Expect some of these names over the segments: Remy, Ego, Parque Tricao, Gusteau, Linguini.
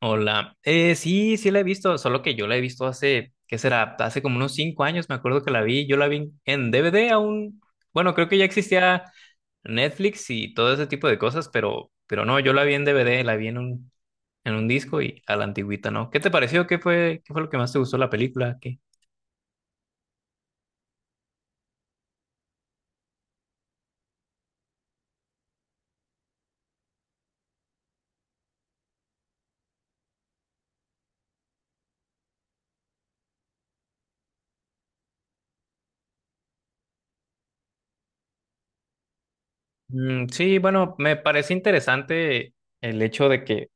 Hola. Sí, la he visto, solo que yo la he visto hace, ¿qué será? Hace como unos 5 años, me acuerdo que la vi. Yo la vi en DVD aún. Bueno, creo que ya existía Netflix y todo ese tipo de cosas, pero no, yo la vi en DVD, la vi en un disco y a la antigüita, ¿no? ¿Qué te pareció? ¿Qué fue lo que más te gustó de la película? ¿Qué? Sí, bueno, me parece interesante el hecho de que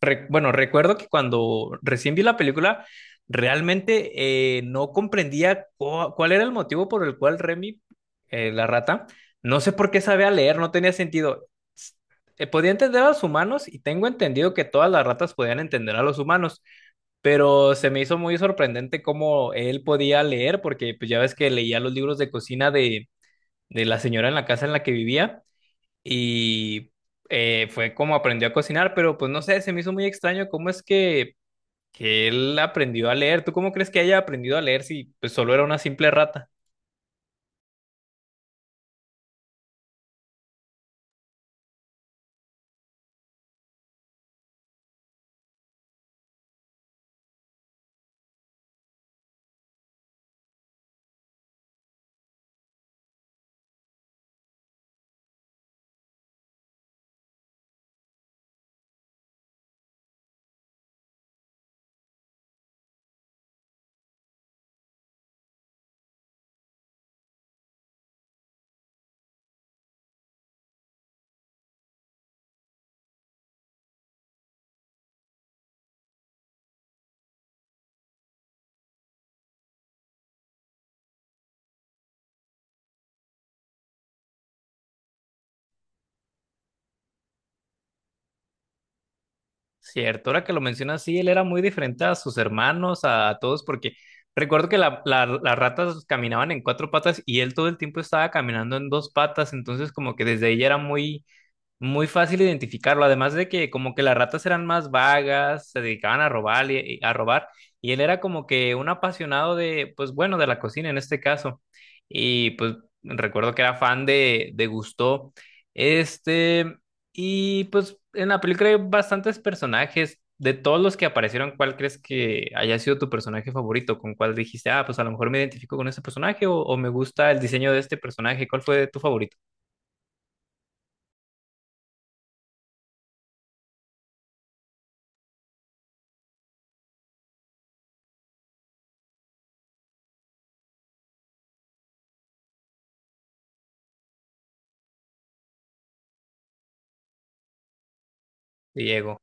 Bueno, recuerdo que cuando recién vi la película, realmente no comprendía cuál era el motivo por el cual Remy, la rata, no sé por qué sabía leer, no tenía sentido. S- Podía entender a los humanos y tengo entendido que todas las ratas podían entender a los humanos, pero se me hizo muy sorprendente cómo él podía leer, porque pues ya ves que leía los libros de cocina de la señora en la casa en la que vivía y fue como aprendió a cocinar, pero pues no sé, se me hizo muy extraño que él aprendió a leer. ¿Tú cómo crees que haya aprendido a leer si pues, solo era una simple rata? Cierto, ahora que lo mencionas, sí, él era muy diferente a sus hermanos, a todos, porque recuerdo que las ratas caminaban en cuatro patas y él todo el tiempo estaba caminando en dos patas, entonces como que desde ella era muy muy fácil identificarlo, además de que como que las ratas eran más vagas, se dedicaban a robar a robar, y él era como que un apasionado de, pues bueno, de la cocina en este caso. Y pues recuerdo que era fan de Gusteau. Este, y pues en la película hay bastantes personajes. De todos los que aparecieron, ¿cuál crees que haya sido tu personaje favorito? ¿Con cuál dijiste, ah, pues a lo mejor me identifico con ese personaje o me gusta el diseño de este personaje? ¿Cuál fue tu favorito, Diego?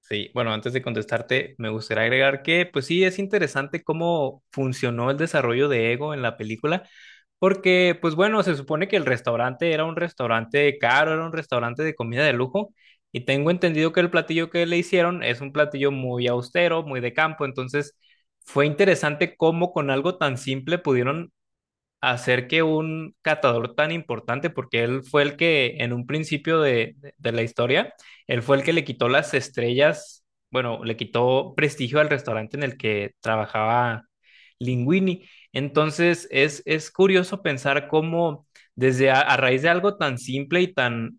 Sí, bueno, antes de contestarte, me gustaría agregar que, pues sí, es interesante cómo funcionó el desarrollo de Ego en la película, porque, pues bueno, se supone que el restaurante era un restaurante caro, era un restaurante de comida de lujo, y tengo entendido que el platillo que le hicieron es un platillo muy austero, muy de campo, entonces fue interesante cómo con algo tan simple pudieron hacer que un catador tan importante, porque él fue el que en un principio de la historia, él fue el que le quitó las estrellas, bueno, le quitó prestigio al restaurante en el que trabajaba Linguini. Entonces es curioso pensar cómo a raíz de algo tan simple y tan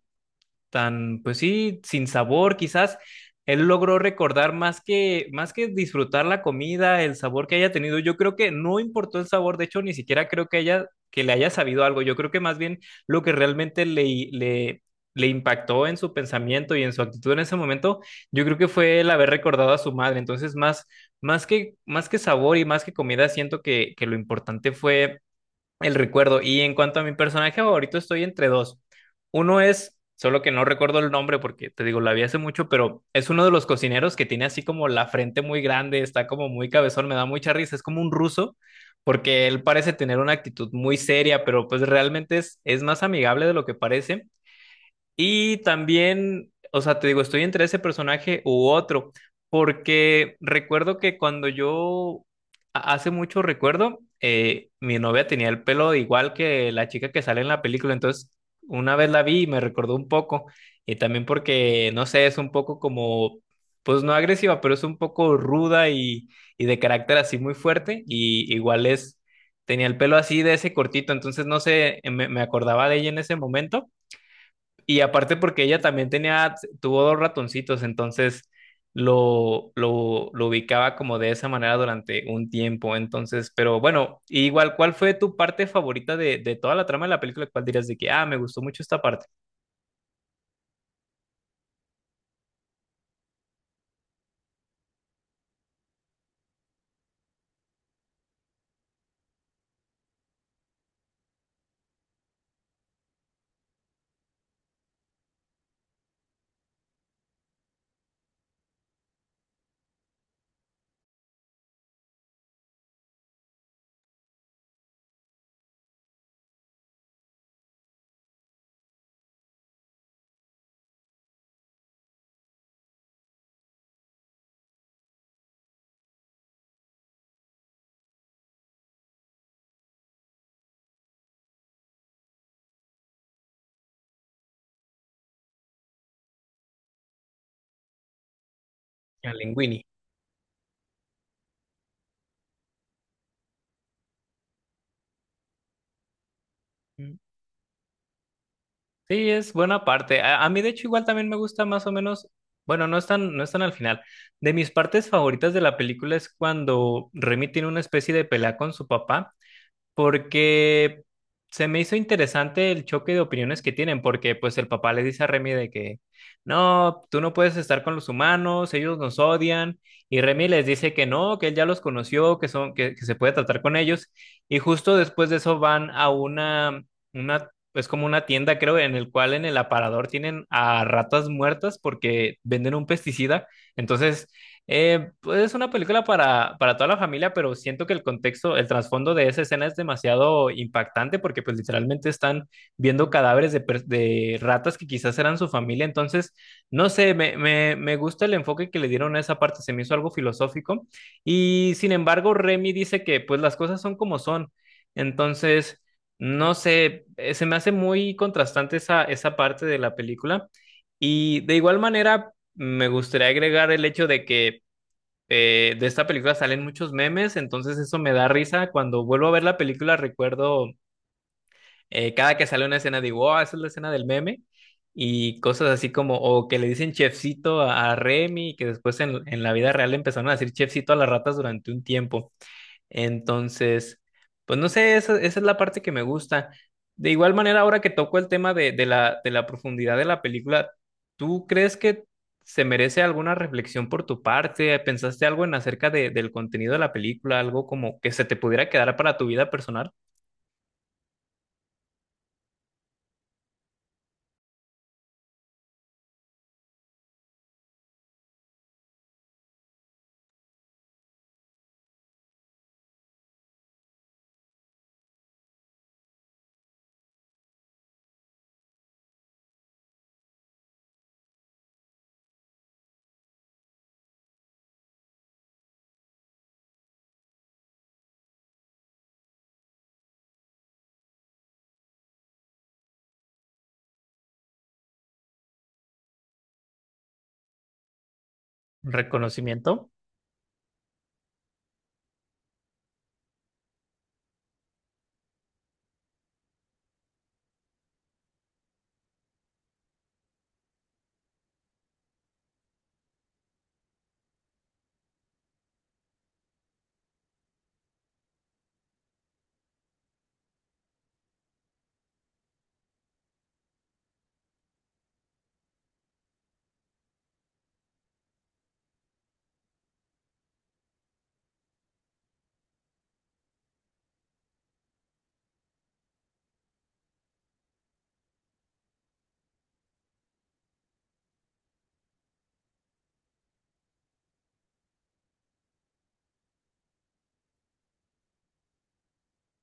tan, pues sí, sin sabor, quizás él logró recordar más que disfrutar la comida, el sabor que haya tenido. Yo creo que no importó el sabor, de hecho, ni siquiera que le haya sabido algo. Yo creo que más bien lo que realmente le, le impactó en su pensamiento y en su actitud en ese momento, yo creo que fue el haber recordado a su madre. Entonces, más que sabor y más que comida, siento que lo importante fue el recuerdo. Y en cuanto a mi personaje favorito, estoy entre dos. Uno es, solo que no recuerdo el nombre porque te digo, la vi hace mucho, pero es uno de los cocineros que tiene así como la frente muy grande, está como muy cabezón, me da mucha risa, es como un ruso, porque él parece tener una actitud muy seria, pero pues realmente es más amigable de lo que parece. Y también, o sea, te digo, estoy entre ese personaje u otro, porque recuerdo que cuando yo, hace mucho recuerdo, mi novia tenía el pelo igual que la chica que sale en la película, entonces una vez la vi y me recordó un poco, y también porque, no sé, es un poco como, pues no agresiva, pero es un poco ruda y de carácter así muy fuerte, y igual es, tenía el pelo así de ese cortito, entonces no sé, me acordaba de ella en ese momento. Y aparte porque ella también tenía, tuvo dos ratoncitos, entonces lo ubicaba como de esa manera durante un tiempo. Entonces, pero bueno, igual, ¿cuál fue tu parte favorita de toda la trama de la película? ¿Cuál dirías de que, ah, me gustó mucho esta parte? La Linguini. Mm. Sí, es buena parte. A mí, de hecho, igual también me gusta más o menos, bueno, no están, no están al final. De mis partes favoritas de la película es cuando Remy tiene una especie de pelea con su papá porque se me hizo interesante el choque de opiniones que tienen, porque pues el papá le dice a Remy de que, no, tú no puedes estar con los humanos, ellos nos odian, y Remy les dice que no, que él ya los conoció, que son, que se puede tratar con ellos, y justo después de eso van una, es como una tienda, creo, en el cual en el aparador tienen a ratas muertas porque venden un pesticida, entonces pues es una película para toda la familia, pero siento que el contexto, el trasfondo de esa escena es demasiado impactante porque pues literalmente están viendo cadáveres de ratas que quizás eran su familia. Entonces, no sé, me gusta el enfoque que le dieron a esa parte, se me hizo algo filosófico. Y sin embargo, Remy dice que pues las cosas son como son. Entonces, no sé, se me hace muy contrastante esa, esa parte de la película. Y de igual manera, me gustaría agregar el hecho de que de esta película salen muchos memes, entonces eso me da risa. Cuando vuelvo a ver la película, recuerdo cada que sale una escena, digo, oh, esa es la escena del meme. Y cosas así como, o que le dicen chefcito a Remy, que después en la vida real empezaron a decir chefcito a las ratas durante un tiempo. Entonces, pues no sé, esa es la parte que me gusta. De igual manera, ahora que toco el tema de la profundidad de la película, ¿tú crees que se merece alguna reflexión por tu parte? ¿Pensaste algo en acerca del contenido de la película? ¿Algo como que se te pudiera quedar para tu vida personal? ¿Reconocimiento?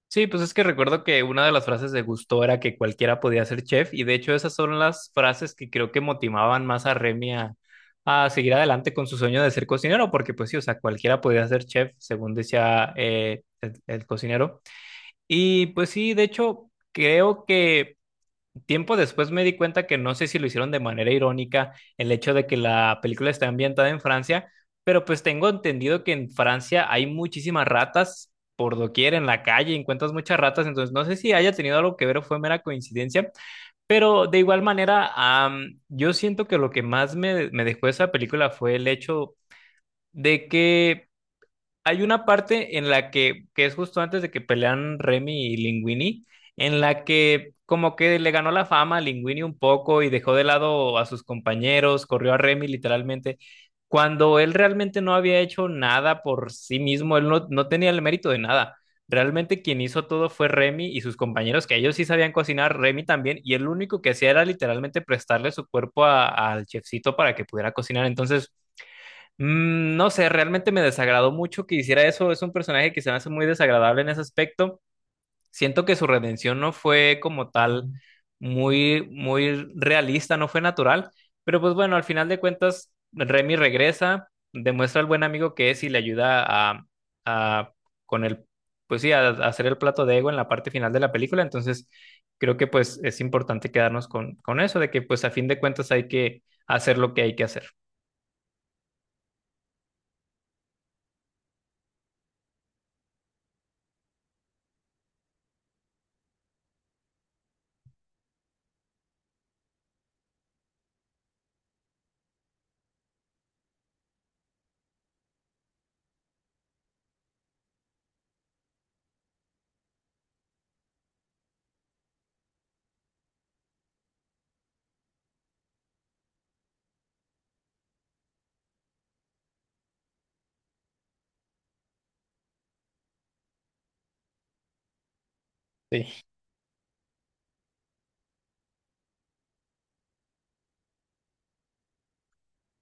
Sí, pues es que recuerdo que una de las frases de Gusto era que cualquiera podía ser chef y de hecho esas son las frases que creo que motivaban más a Remy a seguir adelante con su sueño de ser cocinero, porque pues sí, o sea, cualquiera podía ser chef, según decía el cocinero. Y pues sí, de hecho, creo que tiempo después me di cuenta que no sé si lo hicieron de manera irónica el hecho de que la película está ambientada en Francia, pero pues tengo entendido que en Francia hay muchísimas ratas por doquier en la calle, encuentras muchas ratas, entonces no sé si haya tenido algo que ver o fue mera coincidencia, pero de igual manera, yo siento que lo que más me dejó esa película fue el hecho de que hay una parte en la que es justo antes de que pelean Remy y Linguini, en la que como que le ganó la fama a Linguini un poco y dejó de lado a sus compañeros, corrió a Remy literalmente, cuando él realmente no había hecho nada por sí mismo, él no, no tenía el mérito de nada. Realmente quien hizo todo fue Remy y sus compañeros, que ellos sí sabían cocinar, Remy también, y el único que hacía era literalmente prestarle su cuerpo al chefcito para que pudiera cocinar. Entonces, no sé, realmente me desagradó mucho que hiciera eso. Es un personaje que se me hace muy desagradable en ese aspecto. Siento que su redención no fue como tal muy realista, no fue natural. Pero pues bueno, al final de cuentas, Remy regresa, demuestra al buen amigo que es y le ayuda a, a- con el, pues sí, a hacer el plato de ego en la parte final de la película. Entonces, creo que pues es importante quedarnos con eso, de que pues a fin de cuentas hay que hacer lo que hay que hacer. Sí.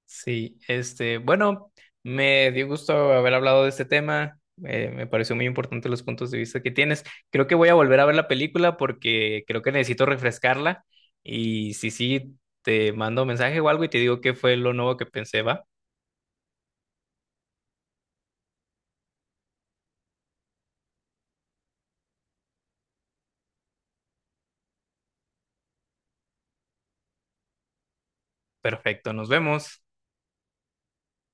Sí, este, bueno, me dio gusto haber hablado de este tema. Me pareció muy importante los puntos de vista que tienes. Creo que voy a volver a ver la película porque creo que necesito refrescarla. Y si sí, te mando mensaje o algo y te digo qué fue lo nuevo que pensé, va. Perfecto, nos vemos.